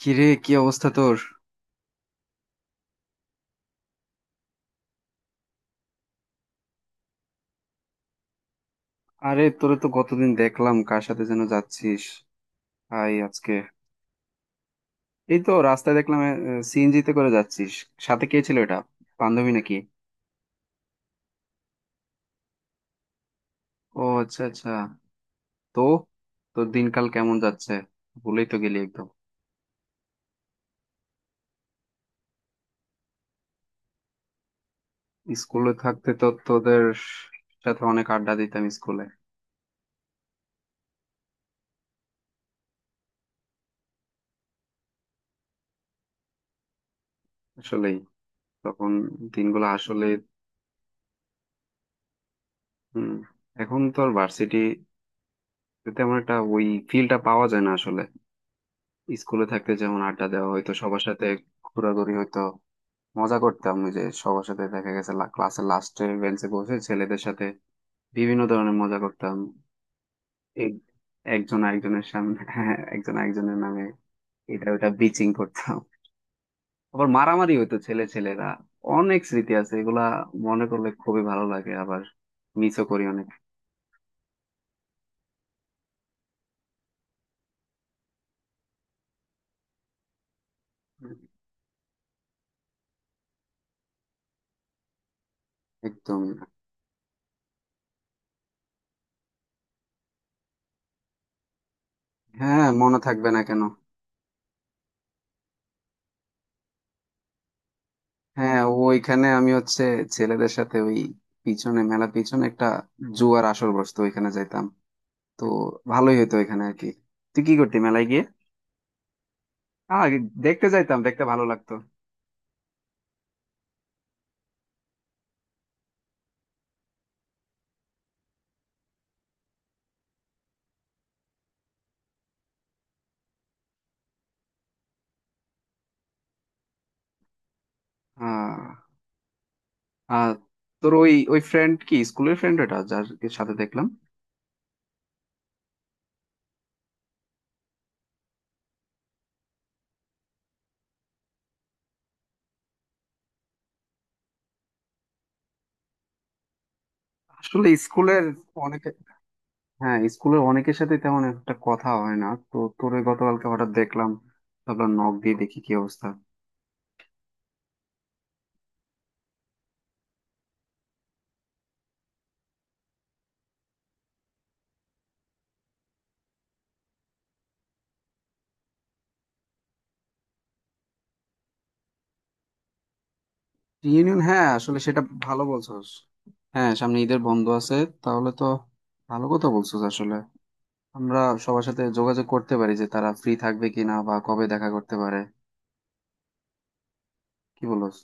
কিরে, কি অবস্থা তোর? আরে, তোরে তো গতদিন দেখলাম কার সাথে যেন যাচ্ছিস। আই আজকে এই তো রাস্তায় দেখলাম সিএনজি তে করে যাচ্ছিস। সাথে কে ছিল এটা? বান্ধবী নাকি? ও আচ্ছা আচ্ছা। তো তোর দিনকাল কেমন যাচ্ছে? ভুলেই তো গেলি একদম। স্কুলে থাকতে তো তোদের সাথে অনেক আড্ডা দিতাম স্কুলে। আসলেই। তখন দিনগুলো আসলে। হম। এখন তো আর ভার্সিটি তেমন একটা ওই ফিলটা পাওয়া যায় না আসলে। স্কুলে থাকতে যেমন আড্ডা দেওয়া হইতো সবার সাথে, ঘোরাঘুরি হইতো, মজা করতাম। ওই যে সবার সাথে দেখা গেছে ক্লাসের লাস্টের বেঞ্চে বসে ছেলেদের সাথে বিভিন্ন ধরনের মজা করতাম। এক- একজন আরেকজনের সামনে একজন আরেকজনের নামে এটা ওটা বিচিং করতাম। আবার মারামারি হইতো ছেলে ছেলেরা। অনেক স্মৃতি আছে এগুলা, মনে করলে খুবই ভালো লাগে, আবার মিসও করি অনেক। একদম। হ্যাঁ, মনে থাকবে না কেন? হ্যাঁ, ওইখানে আমি হচ্ছে ছেলেদের সাথে ওই পিছনে মেলা, পিছনে একটা জুয়ার আসর বসতো, ওইখানে যাইতাম। তো ভালোই হতো ওইখানে আর কি। তুই কি করতি মেলায় গিয়ে? আহ দেখতে যাইতাম, দেখতে ভালো লাগতো। আহ আহ তোর ওই ওই ফ্রেন্ড কি স্কুলের ফ্রেন্ড ওটা, যার সাথে দেখলাম? আসলে স্কুলের অনেকে, হ্যাঁ স্কুলের অনেকের সাথে তেমন একটা কথা হয় না। তো তোর ওই গতকালকে হঠাৎ দেখলাম, তারপর নক দিয়ে দেখি কি অবস্থা। রিইউনিয়ন, হ্যাঁ আসলে সেটা ভালো বলছস। হ্যাঁ, সামনে ঈদের বন্ধ আছে, তাহলে তো ভালো কথা বলছস আসলে। আমরা সবার সাথে যোগাযোগ করতে পারি যে তারা ফ্রি থাকবে কিনা বা কবে দেখা করতে পারে। কি বলস?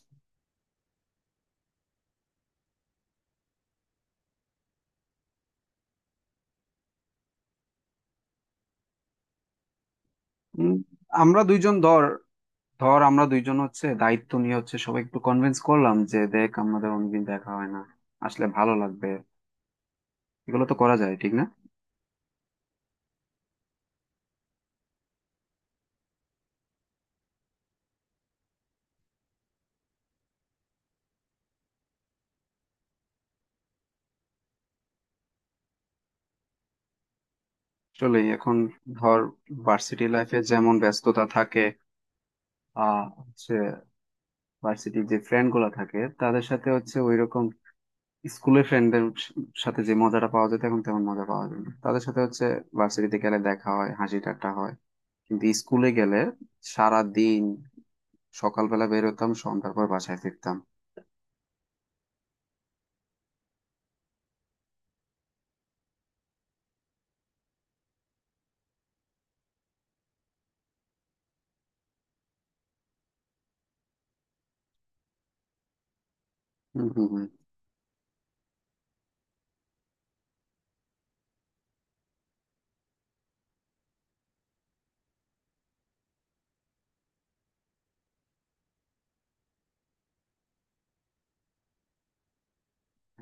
উম, আমরা দুইজন ধর, ধর আমরা দুইজন হচ্ছে দায়িত্ব নিয়ে হচ্ছে সবাই একটু কনভিন্স করলাম যে দেখ, আমাদের অনেকদিন দেখা হয় না, আসলে ভালো লাগবে। এগুলো তো করা যায়, ঠিক না? আসলে এখন ধর ভার্সিটি লাইফে যেমন ব্যস্ততা থাকে। আহ ভার্সিটির যে ফ্রেন্ড গুলা থাকে তাদের সাথে হচ্ছে ওই রকম স্কুলের ফ্রেন্ডদের সাথে যে মজাটা পাওয়া যেত, এখন তেমন মজা পাওয়া যায় না তাদের সাথে হচ্ছে। ভার্সিটিতে গেলে দেখা হয়, হাসি ঠাট্টা হয়, কিন্তু স্কুলে গেলে সারা দিন সকালবেলা বের হতাম, সন্ধ্যার পর বাসায় ফিরতাম। হম হম হম।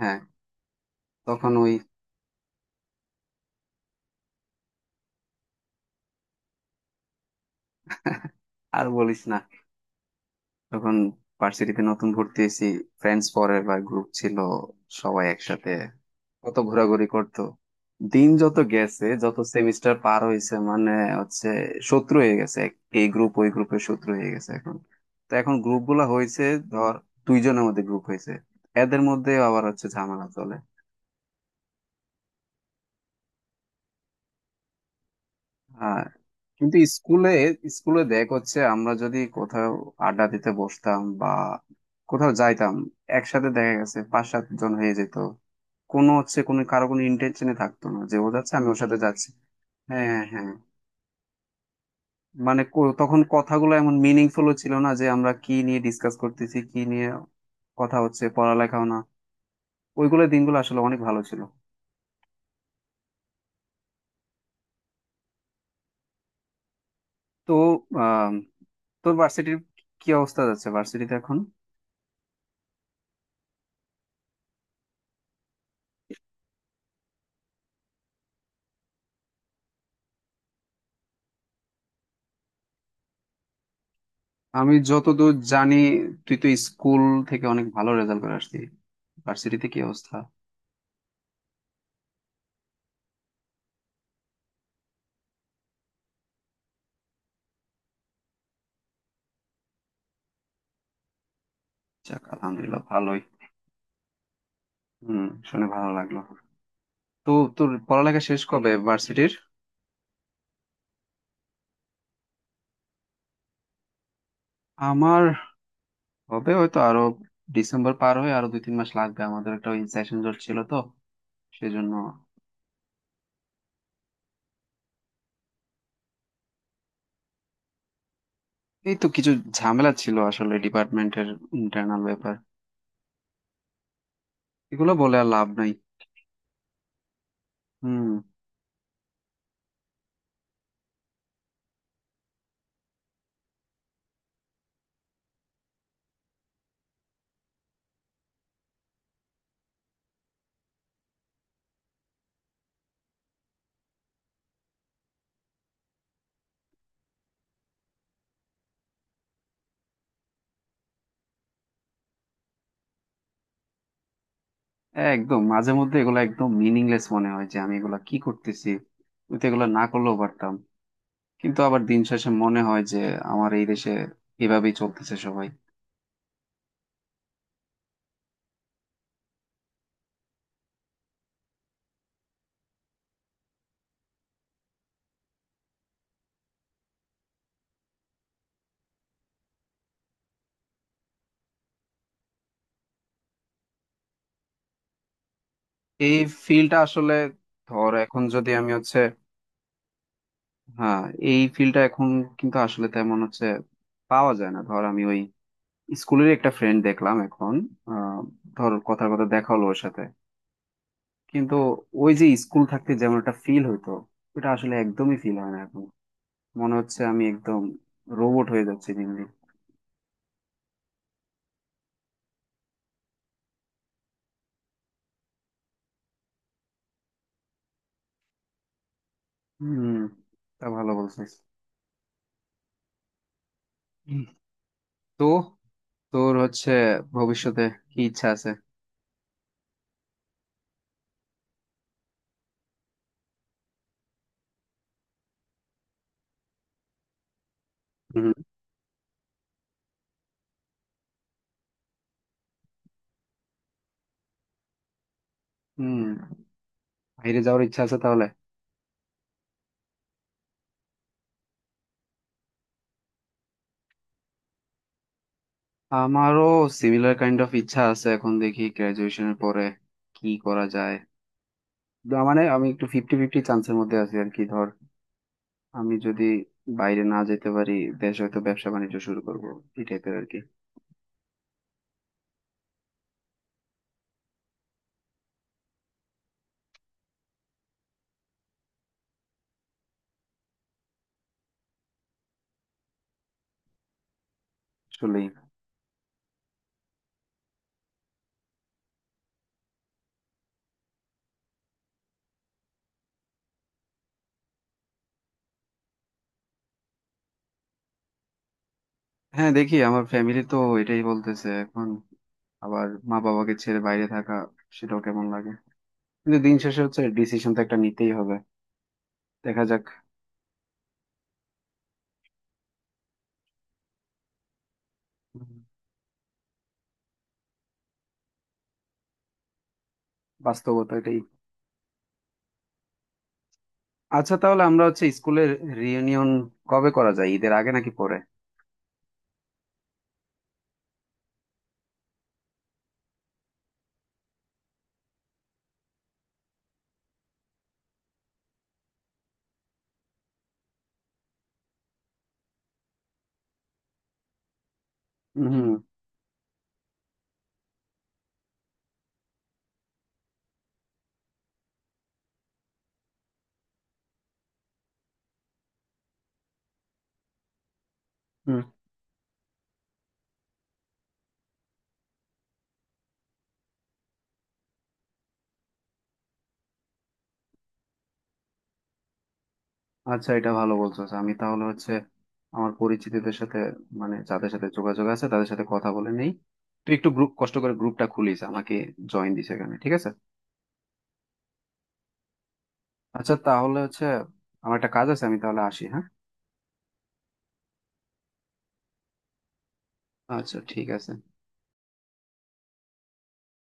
হ্যাঁ, তখন ওই আর বলিস না। যখন ভার্সিটিতে নতুন ভর্তি হয়েছি, ফ্রেন্ডস ফরেভার বা গ্রুপ ছিল, সবাই একসাথে কত ঘোরাঘুরি করতো। দিন যত গেছে, যত সেমিস্টার পার হয়েছে, মানে হচ্ছে শত্রু হয়ে গেছে। এই গ্রুপ ওই গ্রুপের শত্রু হয়ে গেছে এখন। তো এখন গ্রুপ গুলা হয়েছে, ধর দুইজনের মধ্যে গ্রুপ হয়েছে, এদের মধ্যে আবার হচ্ছে ঝামেলা চলে। হ্যাঁ, কিন্তু স্কুলে, স্কুলে দেখ হচ্ছে আমরা যদি কোথাও আড্ডা দিতে বসতাম বা কোথাও যাইতাম, একসাথে দেখা গেছে পাঁচ সাত জন হয়ে যেত। কোনো হচ্ছে কোনো কারো কোনো ইন্টেনশনে থাকতো না যে ও যাচ্ছে আমি ওর সাথে যাচ্ছি। হ্যাঁ হ্যাঁ হ্যাঁ। মানে তখন কথাগুলো এমন মিনিংফুল ছিল না যে আমরা কি নিয়ে ডিসকাস করতেছি, কি নিয়ে কথা হচ্ছে, পড়ালেখাও না। ওইগুলো দিনগুলো আসলে অনেক ভালো ছিল। তো আহ তোর ভার্সিটির কি অবস্থা, যাচ্ছে ভার্সিটিতে এখন? আমি যতদূর জানি তুই তো স্কুল থেকে অনেক ভালো রেজাল্ট করে আসছিস, ভার্সিটিতে কি অবস্থা? যাক, আলহামদুলিল্লাহ ভালোই। হুম, শুনে ভালো লাগলো। তো তোর পড়ালেখা শেষ কবে ভার্সিটির? আমার হবে হয়তো আরো, ডিসেম্বর পার হয়ে আরো দুই তিন মাস লাগবে। আমাদের একটা ওই সেশন জট ছিল তো, সেজন্য এই তো কিছু ঝামেলা ছিল আসলে ডিপার্টমেন্টের ইন্টারনাল ব্যাপার। এগুলো বলে আর লাভ নাই। হুম। একদম মাঝে মধ্যে এগুলো একদম মিনিংলেস মনে হয় যে আমি এগুলা কি করতেছি, আমি তো এগুলো না করলেও পারতাম। কিন্তু আবার দিন শেষে মনে হয় যে আমার এই দেশে এভাবেই চলতেছে সবাই। এই ফিল্ডটা আসলে, ধর এখন যদি আমি হচ্ছে, হ্যাঁ এই ফিল্ডটা এখন কিন্তু আসলে তেমন হচ্ছে পাওয়া যায় না। ধর আমি ওই স্কুলের একটা ফ্রেন্ড দেখলাম এখন, আহ, ধর কথার কথা দেখা হলো ওর সাথে, কিন্তু ওই যে স্কুল থাকতে যেমন একটা ফিল হইতো, ওটা আসলে একদমই ফিল হয় না এখন। মনে হচ্ছে আমি একদম রোবট হয়ে যাচ্ছি দিন দিন। হম, তা ভালো বলছিস। তো তোর হচ্ছে ভবিষ্যতে কি ইচ্ছা আছে? হুম, হুম। বাইরে যাওয়ার ইচ্ছা আছে তাহলে? আমারও সিমিলার কাইন্ড অফ ইচ্ছা আছে, এখন দেখি গ্রাজুয়েশনের পরে কি করা যায়। না, মানে আমি একটু ফিফটি ফিফটি চান্সের মধ্যে আছি আর কি। ধর আমি যদি বাইরে না যেতে পারি, দেশে হয়তো ব্যবসা বাণিজ্য শুরু করব, এই টাইপের আর কি। আসলেই। হ্যাঁ দেখি, আমার ফ্যামিলি তো এটাই বলতেছে এখন। আবার মা বাবাকে ছেড়ে বাইরে থাকা, সেটাও কেমন লাগে। কিন্তু দিন শেষে হচ্ছে ডিসিশন তো একটা নিতেই হবে। দেখা যাক। হুম। বাস্তবতা এটাই। আচ্ছা, তাহলে আমরা হচ্ছে স্কুলের রিইউনিয়ন কবে করা যায়, ঈদের আগে নাকি পরে? হুম হুম। আচ্ছা, এটা ভালো বলছো। আচ্ছা, আমি তাহলে হচ্ছে আমার পরিচিতদের সাথে, মানে যাদের সাথে যোগাযোগ আছে তাদের সাথে কথা বলে নেই। তুই একটু গ্রুপ, কষ্ট করে গ্রুপটা খুলিস, আমাকে জয়েন দিস এখানে, ঠিক আছে। আচ্ছা তাহলে হচ্ছে আমার একটা কাজ আছে, আমি তাহলে আসি, হ্যাঁ। আচ্ছা ঠিক আছে।